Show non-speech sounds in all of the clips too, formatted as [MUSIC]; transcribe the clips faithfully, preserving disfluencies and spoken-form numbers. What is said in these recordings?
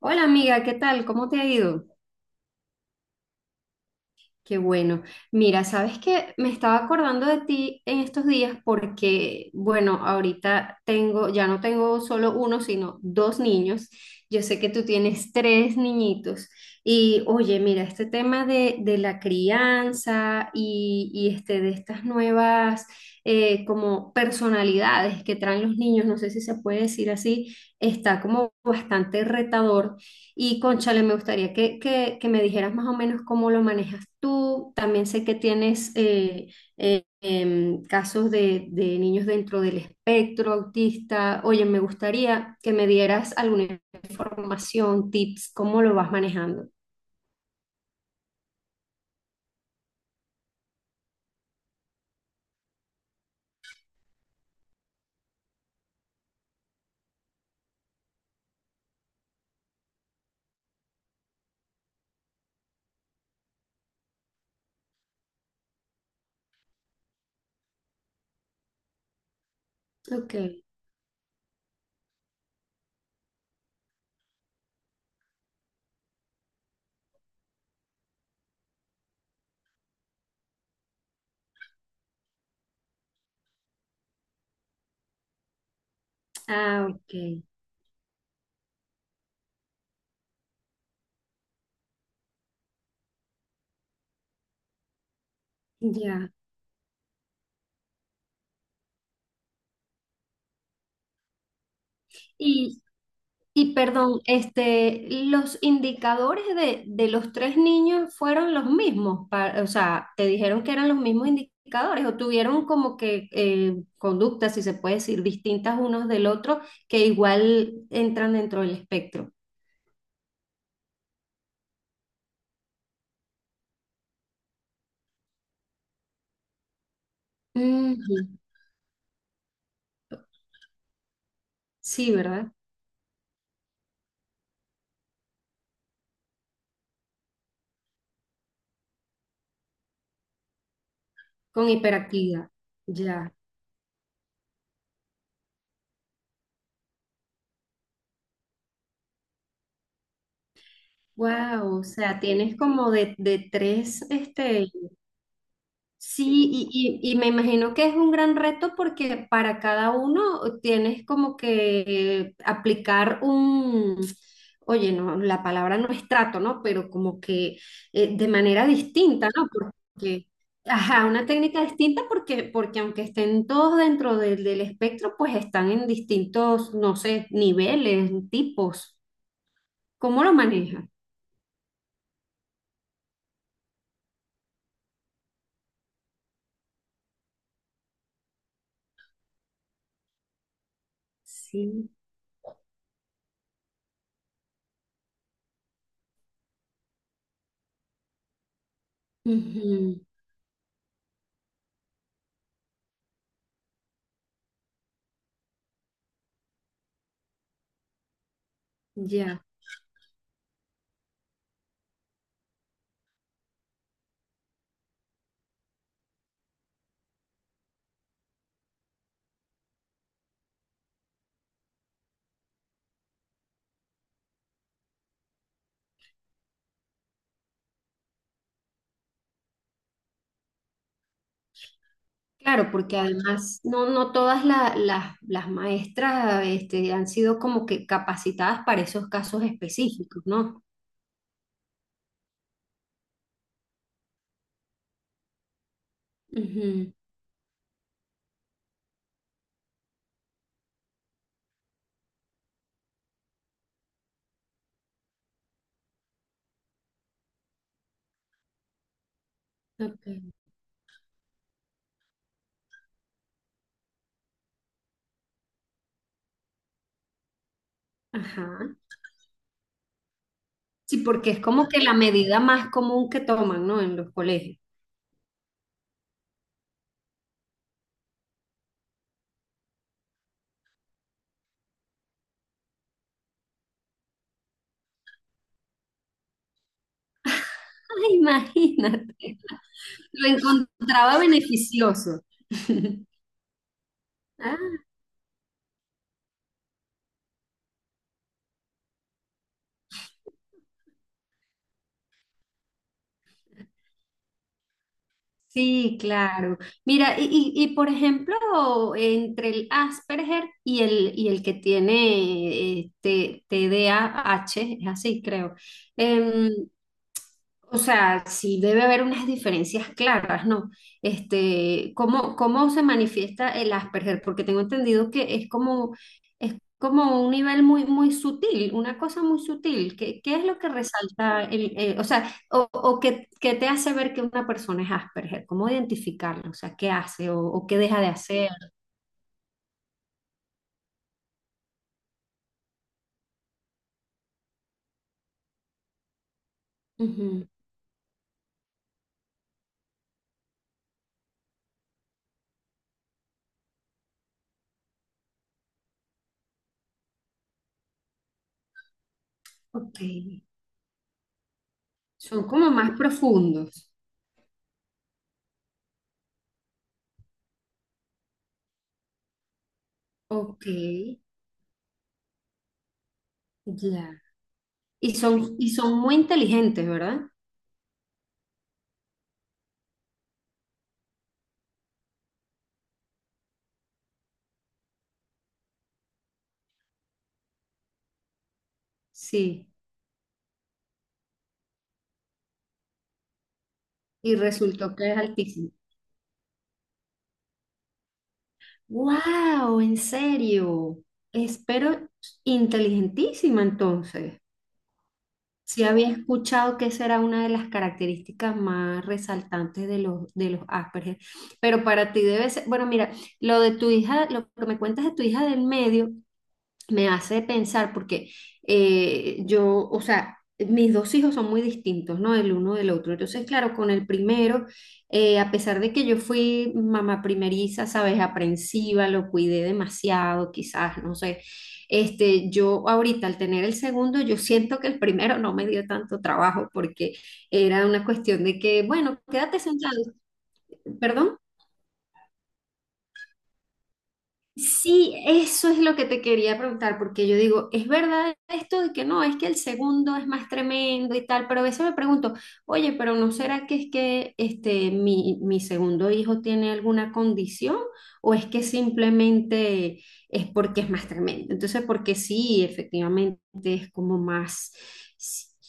Hola amiga, ¿qué tal? ¿Cómo te ha ido? Qué bueno. Mira, sabes que me estaba acordando de ti en estos días porque, bueno, ahorita tengo, ya no tengo solo uno, sino dos niños. Yo sé que tú tienes tres niñitos. Y oye, mira, este tema de, de la crianza y, y, este, de estas nuevas eh, como personalidades que traen los niños, no sé si se puede decir así, está como bastante retador. Y cónchale, me gustaría que, que, que me dijeras más o menos cómo lo manejas tú. También sé que tienes eh, eh, em, casos de, de niños dentro del espectro autista. Oye, me gustaría que me dieras alguna información, tips, cómo lo vas manejando. Ok, ah, ok, ya. Y perdón, este, los indicadores de, de los tres niños fueron los mismos, pa- o sea, te dijeron que eran los mismos indicadores o tuvieron como que eh, conductas, si se puede decir, distintas unos del otro, que igual entran dentro del espectro. Ujú. Sí, ¿verdad? Con hiperactividad. Ya. Wow, o sea, tienes como de, de tres, este, sí. Y, y- y me imagino que es un gran reto porque para cada uno tienes como que aplicar un, oye, no, la palabra no es trato, ¿no? Pero como que eh, de manera distinta, ¿no? Porque, ajá, una técnica distinta porque, porque aunque estén todos dentro del, del espectro, pues están en distintos, no sé, niveles, tipos. ¿Cómo lo maneja? Sí. Ujú. Ya. Claro, porque además no, no todas la- las, las maestras este, han sido como que capacitadas para esos casos específicos, ¿no? Ujú, ok. Ajá. Sí, porque es como que la medida más común que toman, ¿no? En los colegios. [LAUGHS] Ay, imagínate. Lo encontraba beneficioso. [LAUGHS] Ah. Sí, claro. Mira, y, y- y, por ejemplo, entre el Asperger y el, y el que tiene eh, T- TDAH, es así, creo. Em, o sea, sí debe haber unas diferencias claras, ¿no? Este, ¿cómo, cómo se manifiesta el Asperger? Porque tengo entendido que es como como un nivel muy, muy sutil, una cosa muy sutil. ¿Qué, qué es lo que resalta el, eh, o sea, o, o que, que te hace ver que una persona es Asperger? ¿Cómo identificarlo? O sea, ¿qué hace o, o qué deja de hacer? Ujú. Ok. Son como más profundos. Ok, ya. Y son, y son muy inteligentes, ¿verdad? Sí. Y resultó que es altísimo. ¡Wow! ¿En serio? Espero inteligentísima entonces. Sí había escuchado que esa era una de las características más resaltantes de los, de los Asperger, pero para ti debe ser, bueno, mira, lo de tu hija, lo que me cuentas de tu hija del medio, me hace pensar porque eh, yo, o sea, mis dos hijos son muy distintos, ¿no? El uno del otro. Entonces, claro, con el primero, eh, a pesar de que yo fui mamá primeriza, sabes, aprensiva, lo cuidé demasiado, quizás, no sé. Este, yo ahorita al tener el segundo, yo siento que el primero no me dio tanto trabajo porque era una cuestión de que, bueno, quédate sentado, perdón. Sí, eso es lo que te quería preguntar, porque yo digo, ¿es verdad esto de que no, es que el segundo es más tremendo y tal? Pero a veces me pregunto, oye, pero ¿no será que es que este, mi, mi segundo hijo tiene alguna condición o es que simplemente es porque es más tremendo? Entonces, porque sí, efectivamente es como más,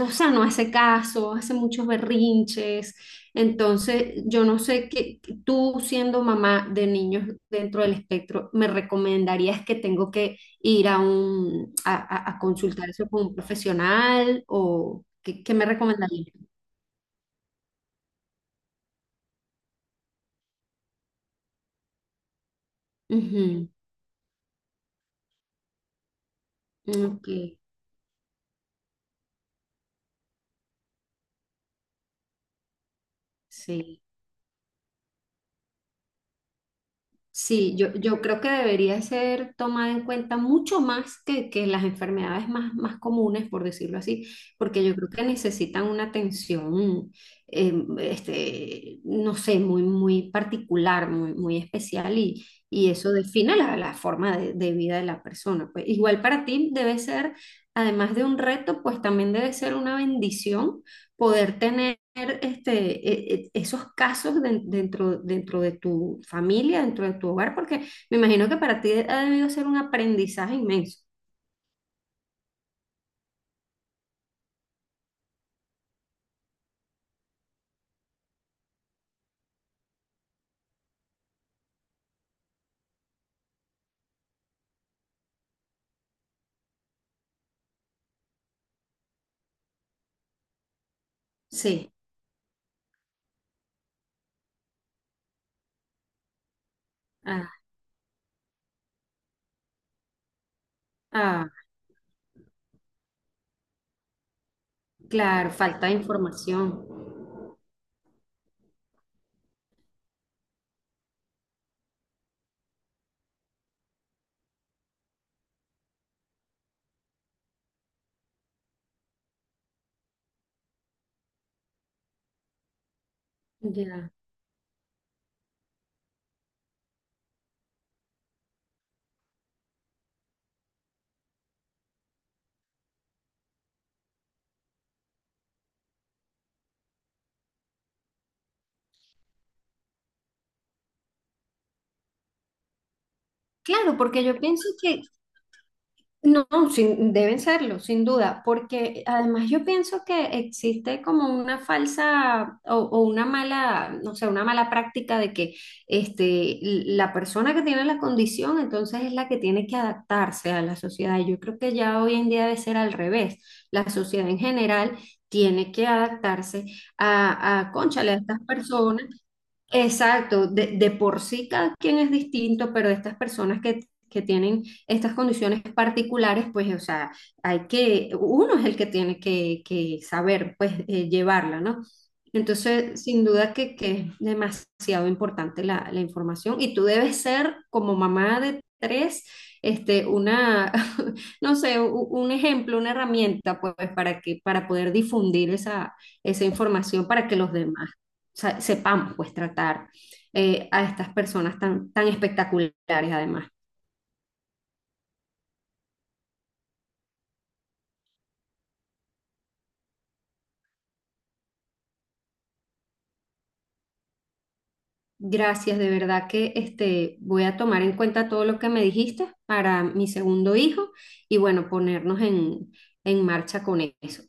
o sea, no hace caso, hace muchos berrinches, entonces, yo no sé qué, qué- tú siendo mamá de niños dentro del espectro, ¿me recomendarías que tengo que ir a un a, a- a consultar eso con un profesional o qué, qué me recomendarías? Ujú, ok, sí. Sí, yo, yo creo que debería ser tomada en cuenta mucho más que, que las enfermedades más, más comunes, por decirlo así, porque yo creo que necesitan una atención, eh, este, no sé, muy, muy particular, muy, muy especial y, y eso define la, la forma de, de vida de la persona. Pues igual para ti debe ser, además de un reto, pues también debe ser una bendición poder tener este, e- e- esos casos den- dentro, dentro de tu familia, dentro de tu hogar, porque me imagino que para ti ha debido ser un aprendizaje inmenso. Sí, ah, ah, claro, falta de información. Ya. Claro, porque yo pienso que, no, sin- deben serlo, sin duda, porque además yo pienso que existe como una falsa o, o una mala, no sé, una mala práctica de que este, la persona que tiene la condición entonces es la que tiene que adaptarse a la sociedad. Y yo creo que ya hoy en día debe ser al revés. La sociedad en general tiene que adaptarse a, a, cónchale, a estas personas. Exacto, de, de por sí cada quien es distinto, pero estas personas que, que tienen estas condiciones particulares, pues, o sea, hay que, uno es el que tiene que, que saber, pues, eh, llevarla, ¿no? Entonces, sin duda que, que es demasiado importante la, la información y tú debes ser como mamá de tres, este, una, [LAUGHS] no sé, u- un ejemplo, una herramienta, pues, para que, para poder difundir esa, esa información para que los demás sa- sepamos pues tratar eh, a estas personas tan, tan espectaculares además. Gracias, de verdad que este, voy a tomar en cuenta todo lo que me dijiste para mi segundo hijo y bueno, ponernos en, en marcha con eso.